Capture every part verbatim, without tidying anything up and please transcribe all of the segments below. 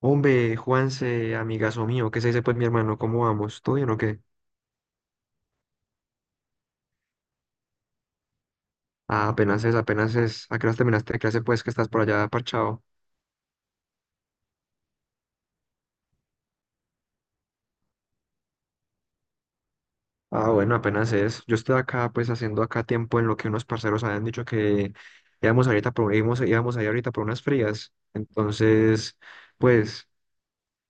Hombre, Juanse, amigazo mío, ¿qué se dice pues mi hermano? ¿Cómo vamos? ¿Todo bien o qué? Ah, apenas es, apenas es. ¿A qué hora terminaste de clase pues que estás por allá parchado? Ah, bueno, apenas es. Yo estoy acá pues haciendo acá tiempo en lo que unos parceros habían dicho que íbamos ahorita por, íbamos, íbamos ahí ahorita por unas frías. Entonces, pues,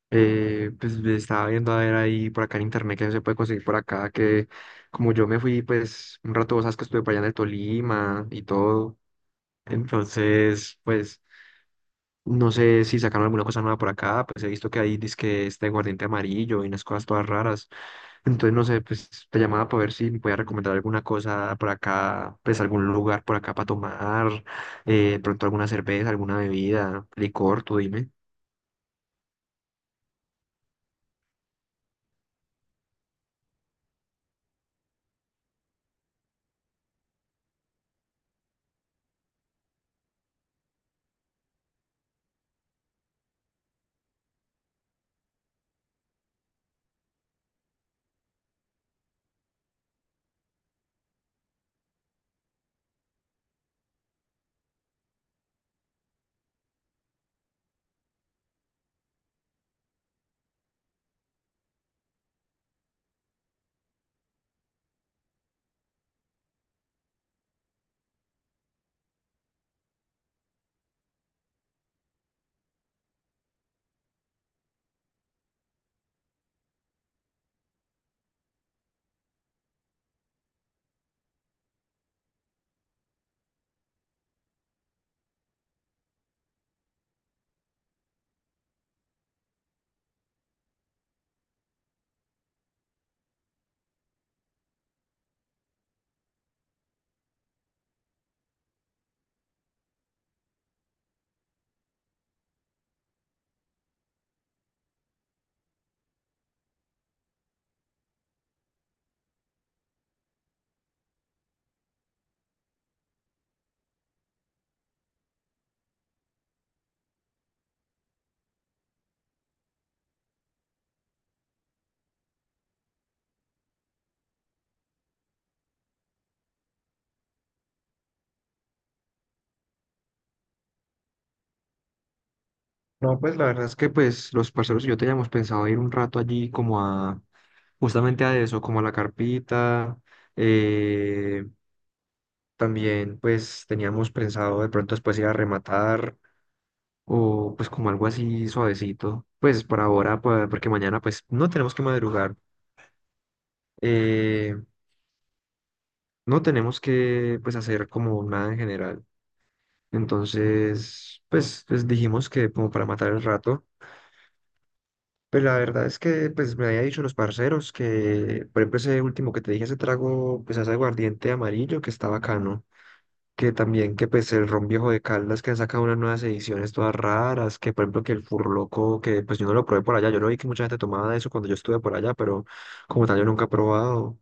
eh, pues estaba viendo a ver ahí por acá en internet que se puede conseguir por acá, que como yo me fui pues un rato, vos sabes que estuve por allá en el Tolima y todo. Entonces, pues... No sé si sacaron alguna cosa nueva por acá, pues he visto que hay dizque este aguardiente amarillo y unas cosas todas raras. Entonces, no sé, pues te llamaba para ver si me podía recomendar alguna cosa por acá, pues algún lugar por acá para tomar, eh, pronto alguna cerveza, alguna bebida, licor, tú dime. No, pues la verdad es que pues los parceros y yo teníamos pensado ir un rato allí como a, justamente a eso, como a la carpita, eh, También pues teníamos pensado de pronto después ir a rematar o pues como algo así suavecito, pues por ahora, pa- porque mañana pues no tenemos que madrugar, eh, no tenemos que pues hacer como nada en general. Entonces, pues, pues dijimos que como para matar el rato, pero la verdad es que pues me había dicho los parceros que, por ejemplo, ese último que te dije, ese trago, pues ese aguardiente amarillo que está bacano. Que también que pues el ron viejo de Caldas que ha sacado unas nuevas ediciones todas raras, que por ejemplo que el Furloco, que pues yo no lo probé por allá, yo no vi que mucha gente tomaba de eso cuando yo estuve por allá, pero como tal yo nunca he probado.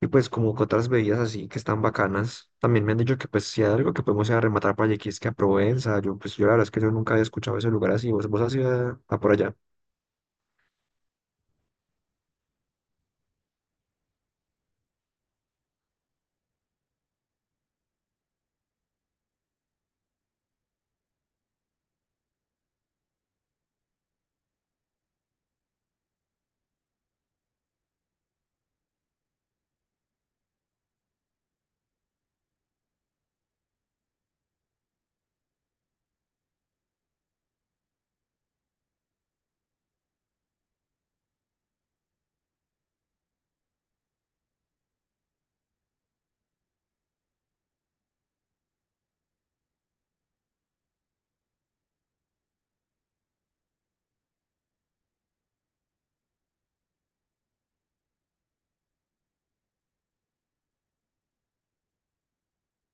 Y pues como que otras bebidas así que están bacanas, también me han dicho que pues si hay algo que podemos ir a rematar para Yequisque a Provenza, yo pues yo la verdad es que yo nunca había escuchado ese lugar así, vos, vos has ido a, a por allá.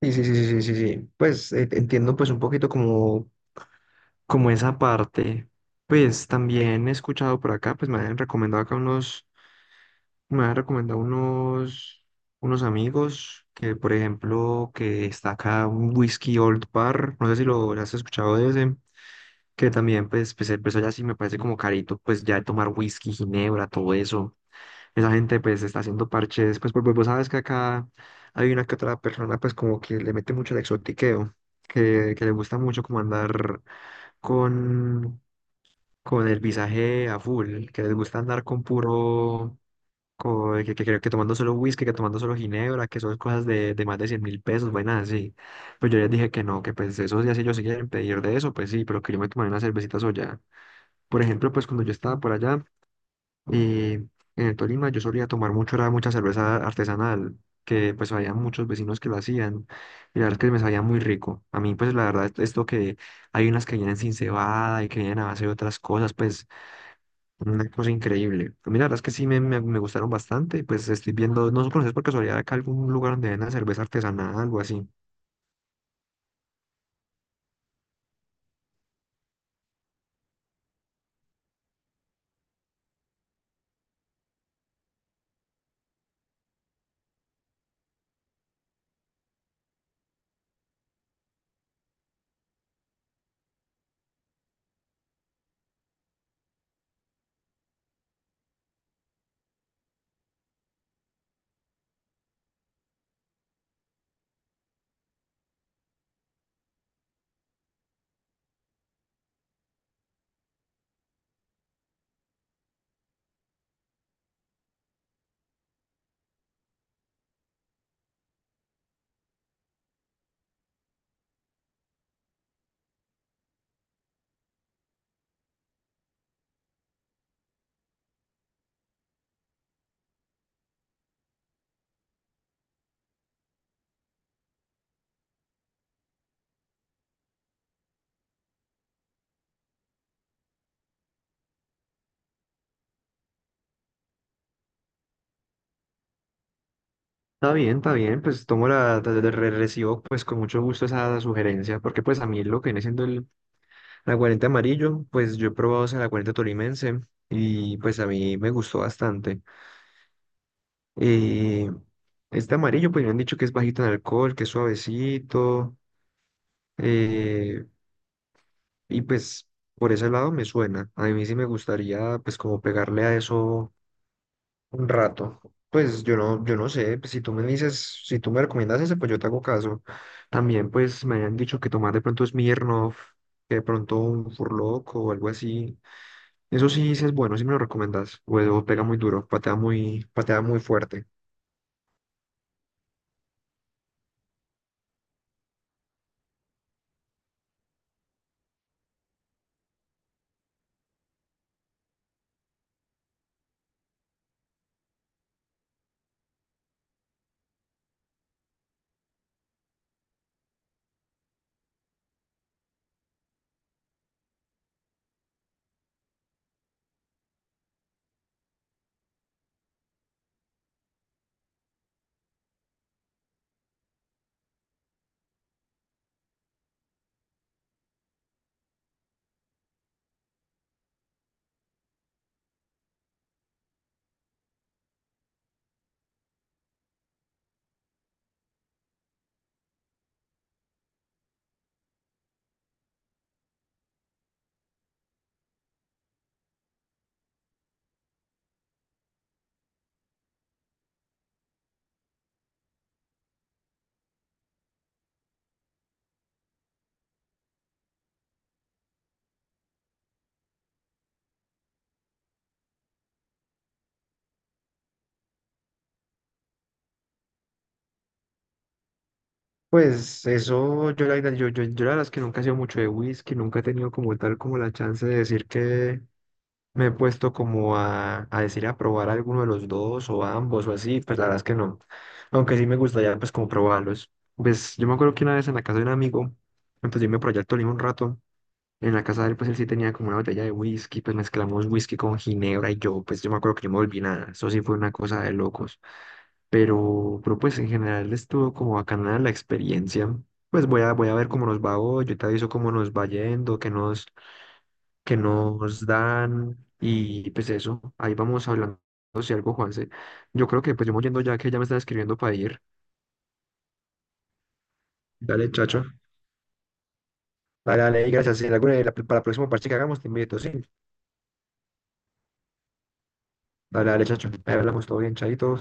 Sí, sí, sí, sí, sí, sí, sí. Pues eh, entiendo pues un poquito como, como esa parte. Pues también he escuchado por acá, pues me han recomendado acá unos. Me han recomendado unos, unos amigos que, por ejemplo, que está acá un whisky Old Parr, no sé si lo has escuchado de ese, que también, pues, pues, eh, pues allá sí me parece como carito, pues ya de tomar whisky, ginebra, todo eso. Esa gente, pues, está haciendo parches, pues, porque vos sabes que acá hay una que otra persona, pues, como que le mete mucho el exotiqueo, que, que le gusta mucho como andar con, con el visaje a full, que les gusta andar con puro co- que, que, creo que tomando solo whisky, que tomando solo ginebra, que son cosas de, de más de cien mil pesos, vainas así. Pues yo les dije que no, que pues esos días si ellos se quieren pedir de eso, pues sí, pero que yo me tomara una cervecita soya. Por ejemplo, pues cuando yo estaba por allá y en el Tolima, yo solía tomar mucho, era mucha cerveza artesanal, que pues había muchos vecinos que lo hacían, y la verdad es que me sabía muy rico. A mí, pues la verdad, esto que hay unas que vienen sin cebada y que vienen a base de otras cosas, pues una cosa increíble. Pues mira, la verdad es que sí me, me, me gustaron bastante. Pues estoy viendo, no sé, conoces por casualidad acá algún lugar donde venden cerveza artesanal, algo así. Está bien, está bien, pues tomo la, de- de- re- recibo pues con mucho gusto esa sugerencia, porque pues a mí lo que viene siendo el aguardiente amarillo, pues yo he probado ese aguardiente tolimense y pues a mí me gustó bastante. Eh, este amarillo pues me han dicho que es bajito en alcohol, que es suavecito, eh, y pues por ese lado me suena. A mí sí me gustaría pues como pegarle a eso un rato. Pues yo no, yo no sé, pues, si tú me dices, si tú me recomiendas ese, pues yo te hago caso. También pues me habían dicho que tomar de pronto Smirnoff, que de pronto un Furloco o algo así. Eso sí, sí es bueno, sí me lo recomiendas. O eso pega muy duro, patea muy, patea muy fuerte. Pues eso, yo la, verdad- yo, yo, yo la verdad es que nunca he sido mucho de whisky, nunca he tenido como tal como la chance de decir que me he puesto como a, a decir a probar alguno de los dos o ambos o así, pues la verdad es que no. Aunque sí me gustaría pues como probarlos. Pues yo me acuerdo que una vez en la casa de un amigo, entonces yo me proyecto Tolima un rato. En la casa de él, pues él sí tenía como una botella de whisky, pues mezclamos whisky con ginebra y yo, pues yo me acuerdo que yo me volví nada. Eso sí fue una cosa de locos. Pero, pero pues en general estuvo como bacana la experiencia. Pues voy a, voy a ver cómo nos va hoy, yo te aviso cómo nos va yendo, qué nos que nos dan y pues eso, ahí vamos hablando si algo, Juanse. Yo creo que pues yo me voy yendo ya que ya me están escribiendo para ir. Dale, chacho. Dale, dale, y gracias. Si en alguna- la- para el próximo parche que hagamos te invito, sí. Dale, dale, chacho. Ahí hablamos todo bien, chaito.